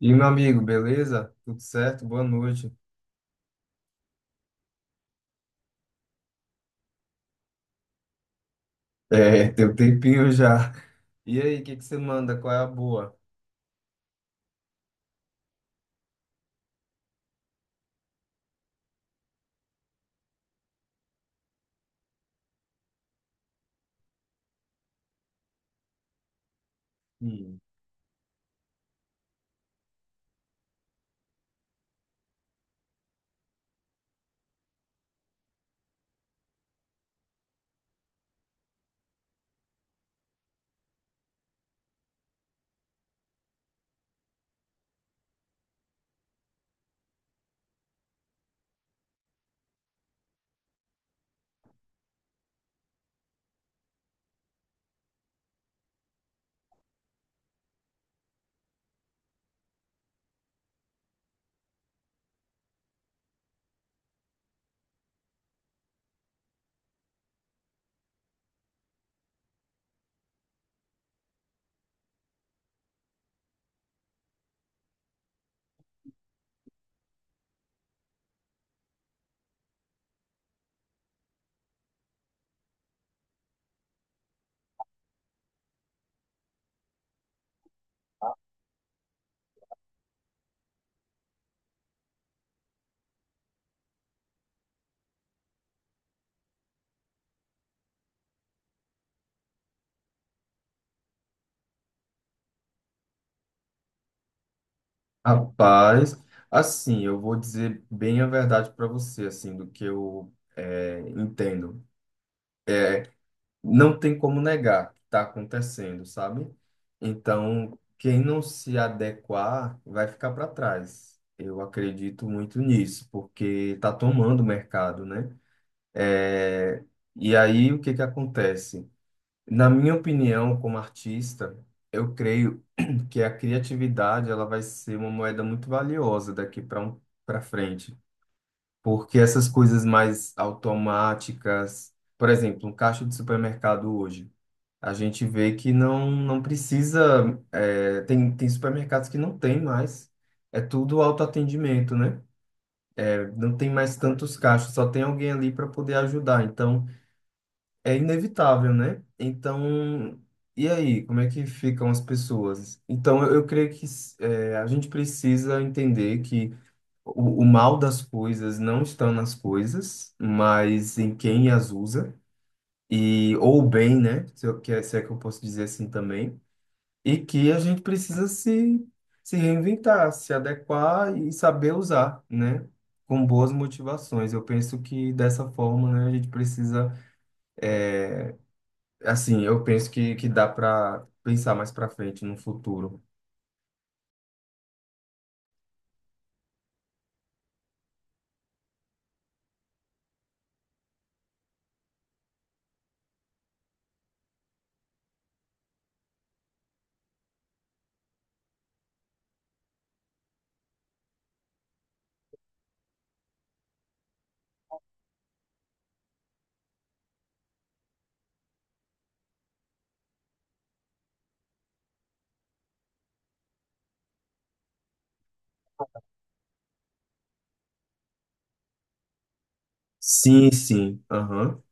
E meu amigo, beleza? Tudo certo? Boa noite. É, tem um tempinho já. E aí, o que que você manda? Qual é a boa? Hum. Rapaz, assim, eu vou dizer bem a verdade para você, assim, do que eu entendo. Não tem como negar que está acontecendo, sabe? Então, quem não se adequar vai ficar para trás. Eu acredito muito nisso, porque está tomando o mercado, né? É, e aí, o que que acontece? Na minha opinião, como artista, eu creio que a criatividade ela vai ser uma moeda muito valiosa daqui para um, para frente, porque essas coisas mais automáticas, por exemplo, um caixa de supermercado hoje, a gente vê que não precisa, é, tem supermercados que não tem mais, é tudo autoatendimento, né? É, não tem mais tantos caixas, só tem alguém ali para poder ajudar. Então é inevitável, né? Então, e aí, como é que ficam as pessoas? Então, eu creio que é, a gente precisa entender que o mal das coisas não estão nas coisas, mas em quem as usa, e ou o bem, né? Se, eu, que é- se é que eu posso dizer assim também, e que a gente precisa se reinventar, se adequar e saber usar, né? Com boas motivações. Eu penso que dessa forma, né, a gente precisa é, assim, eu penso que dá para pensar mais para frente no futuro. Sim, sim. Aham.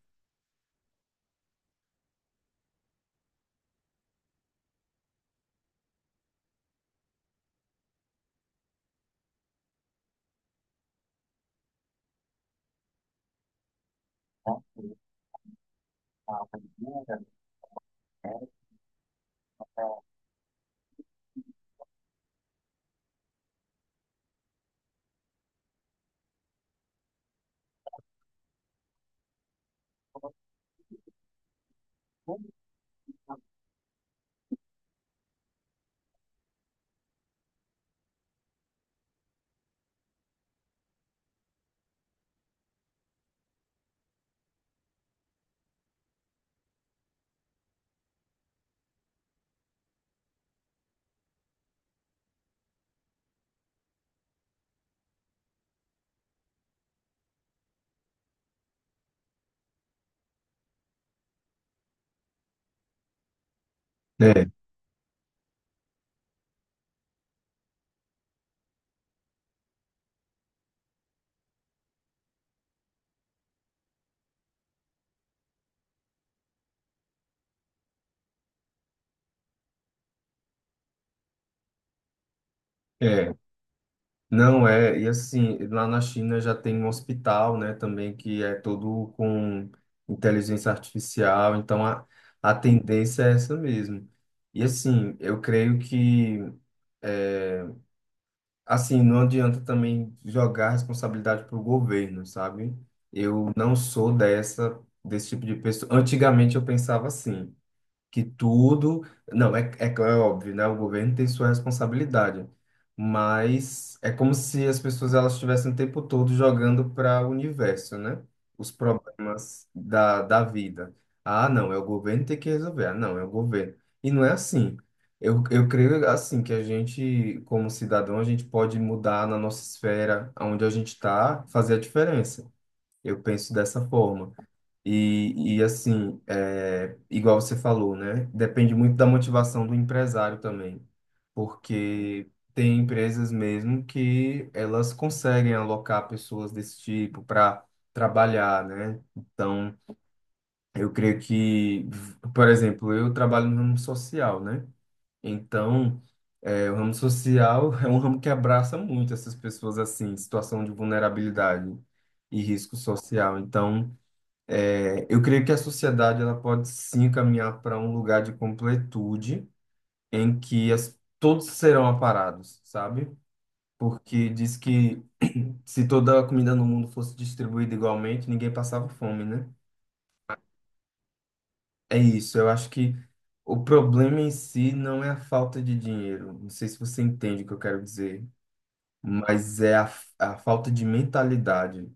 É, é. Não é. E assim, lá na China já tem um hospital, né, também que é todo com inteligência artificial. Então a tendência é essa mesmo. E assim, eu creio que assim, não adianta também jogar a responsabilidade para o governo, sabe? Eu não sou dessa desse tipo de pessoa. Antigamente eu pensava assim. Que tudo. Não, é, é, claro, é óbvio, né? O governo tem sua responsabilidade, mas é como se as pessoas elas estivessem o tempo todo jogando para o universo, né? Os problemas da, da vida. Ah, não, é o governo que tem que resolver. Ah, não, é o governo. E não é assim. Eu creio assim que a gente, como cidadão, a gente pode mudar na nossa esfera, onde a gente está, fazer a diferença. Eu penso dessa forma. E assim, é, igual você falou, né? Depende muito da motivação do empresário também, porque tem empresas mesmo que elas conseguem alocar pessoas desse tipo para trabalhar, né? Então, eu creio que, por exemplo, eu trabalho no ramo social, né? Então, é, o ramo social é um ramo que abraça muito essas pessoas assim, em situação de vulnerabilidade e risco social. Então, é, eu creio que a sociedade ela pode sim caminhar para um lugar de completude em que as, todos serão aparados, sabe? Porque diz que se toda a comida no mundo fosse distribuída igualmente, ninguém passava fome, né? É isso. Eu acho que o problema em si não é a falta de dinheiro. Não sei se você entende o que eu quero dizer, mas é a falta de mentalidade.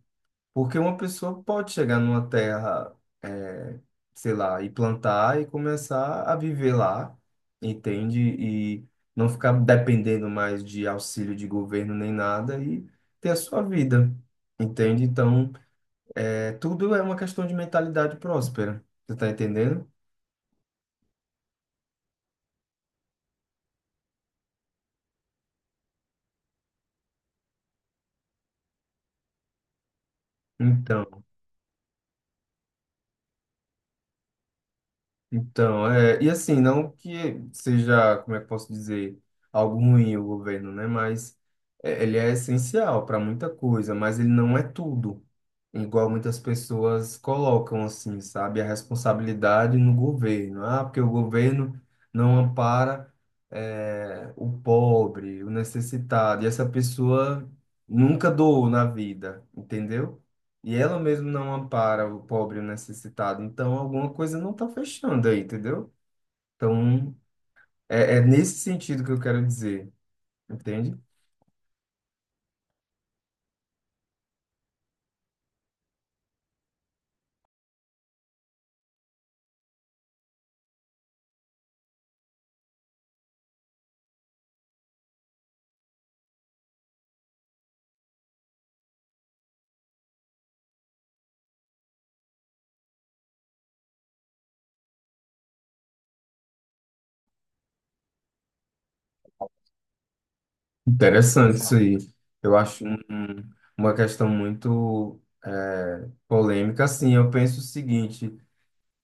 Porque uma pessoa pode chegar numa terra, eh, sei lá, e plantar e começar a viver lá, entende? E não ficar dependendo mais de auxílio de governo nem nada e ter a sua vida, entende? Então, tudo é uma questão de mentalidade próspera, você tá entendendo? Então, Então, é, e assim, não que seja, como é que eu posso dizer, algo ruim o governo, né? Mas é, ele é essencial para muita coisa, mas ele não é tudo, igual muitas pessoas colocam assim, sabe? A responsabilidade no governo. Ah, porque o governo não ampara, é, o pobre, o necessitado, e essa pessoa nunca doou na vida, entendeu? E ela mesmo não ampara o pobre e o necessitado. Então, alguma coisa não está fechando aí, entendeu? Então, é, é nesse sentido que eu quero dizer, entende? Interessante isso aí. Eu acho uma questão muito polêmica. Assim, eu penso o seguinte.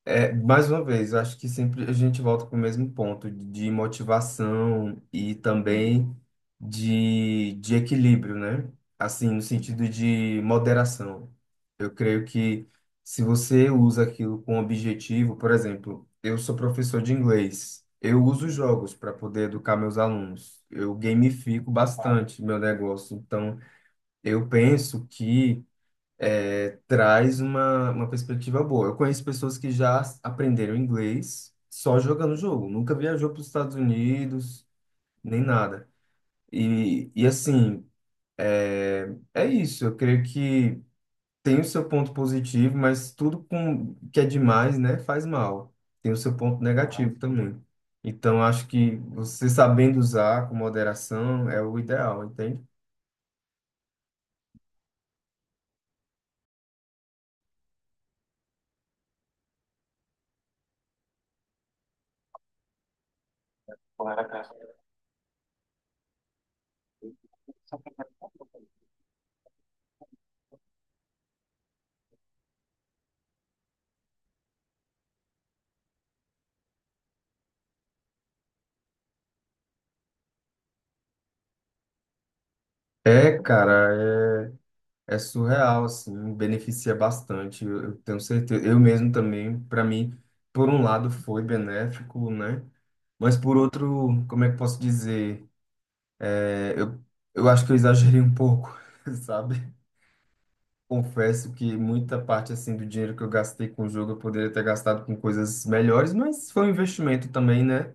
É, mais uma vez, eu acho que sempre a gente volta para o mesmo ponto de motivação e também de equilíbrio, né? Assim, no sentido de moderação. Eu creio que se você usa aquilo com objetivo, por exemplo, eu sou professor de inglês, eu uso jogos para poder educar meus alunos, eu gamifico bastante meu negócio, então eu penso que traz uma perspectiva boa. Eu conheço pessoas que já aprenderam inglês só jogando jogo, nunca viajou para os Estados Unidos, nem nada. E assim, é, é isso. Eu creio que tem o seu ponto positivo, mas tudo com, que é demais, né, faz mal. Tem o seu ponto negativo também. Então, acho que você sabendo usar com moderação é o ideal, entende? É, cara, é é surreal, assim, beneficia bastante, eu tenho certeza. Eu mesmo também, para mim, por um lado foi benéfico, né? Mas por outro, como é que posso dizer? É, eu acho que eu exagerei um pouco, sabe? Confesso que muita parte, assim, do dinheiro que eu gastei com o jogo eu poderia ter gastado com coisas melhores, mas foi um investimento também, né?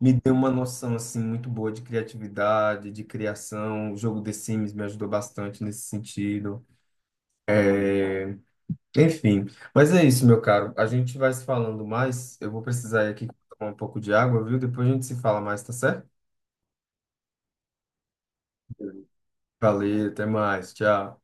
Me deu uma noção, assim, muito boa de criatividade, de criação. O jogo The Sims me ajudou bastante nesse sentido. Enfim, mas é isso, meu caro. A gente vai se falando mais. Eu vou precisar ir aqui tomar um pouco de água, viu? Depois a gente se fala mais, tá certo? Valeu, até mais. Tchau.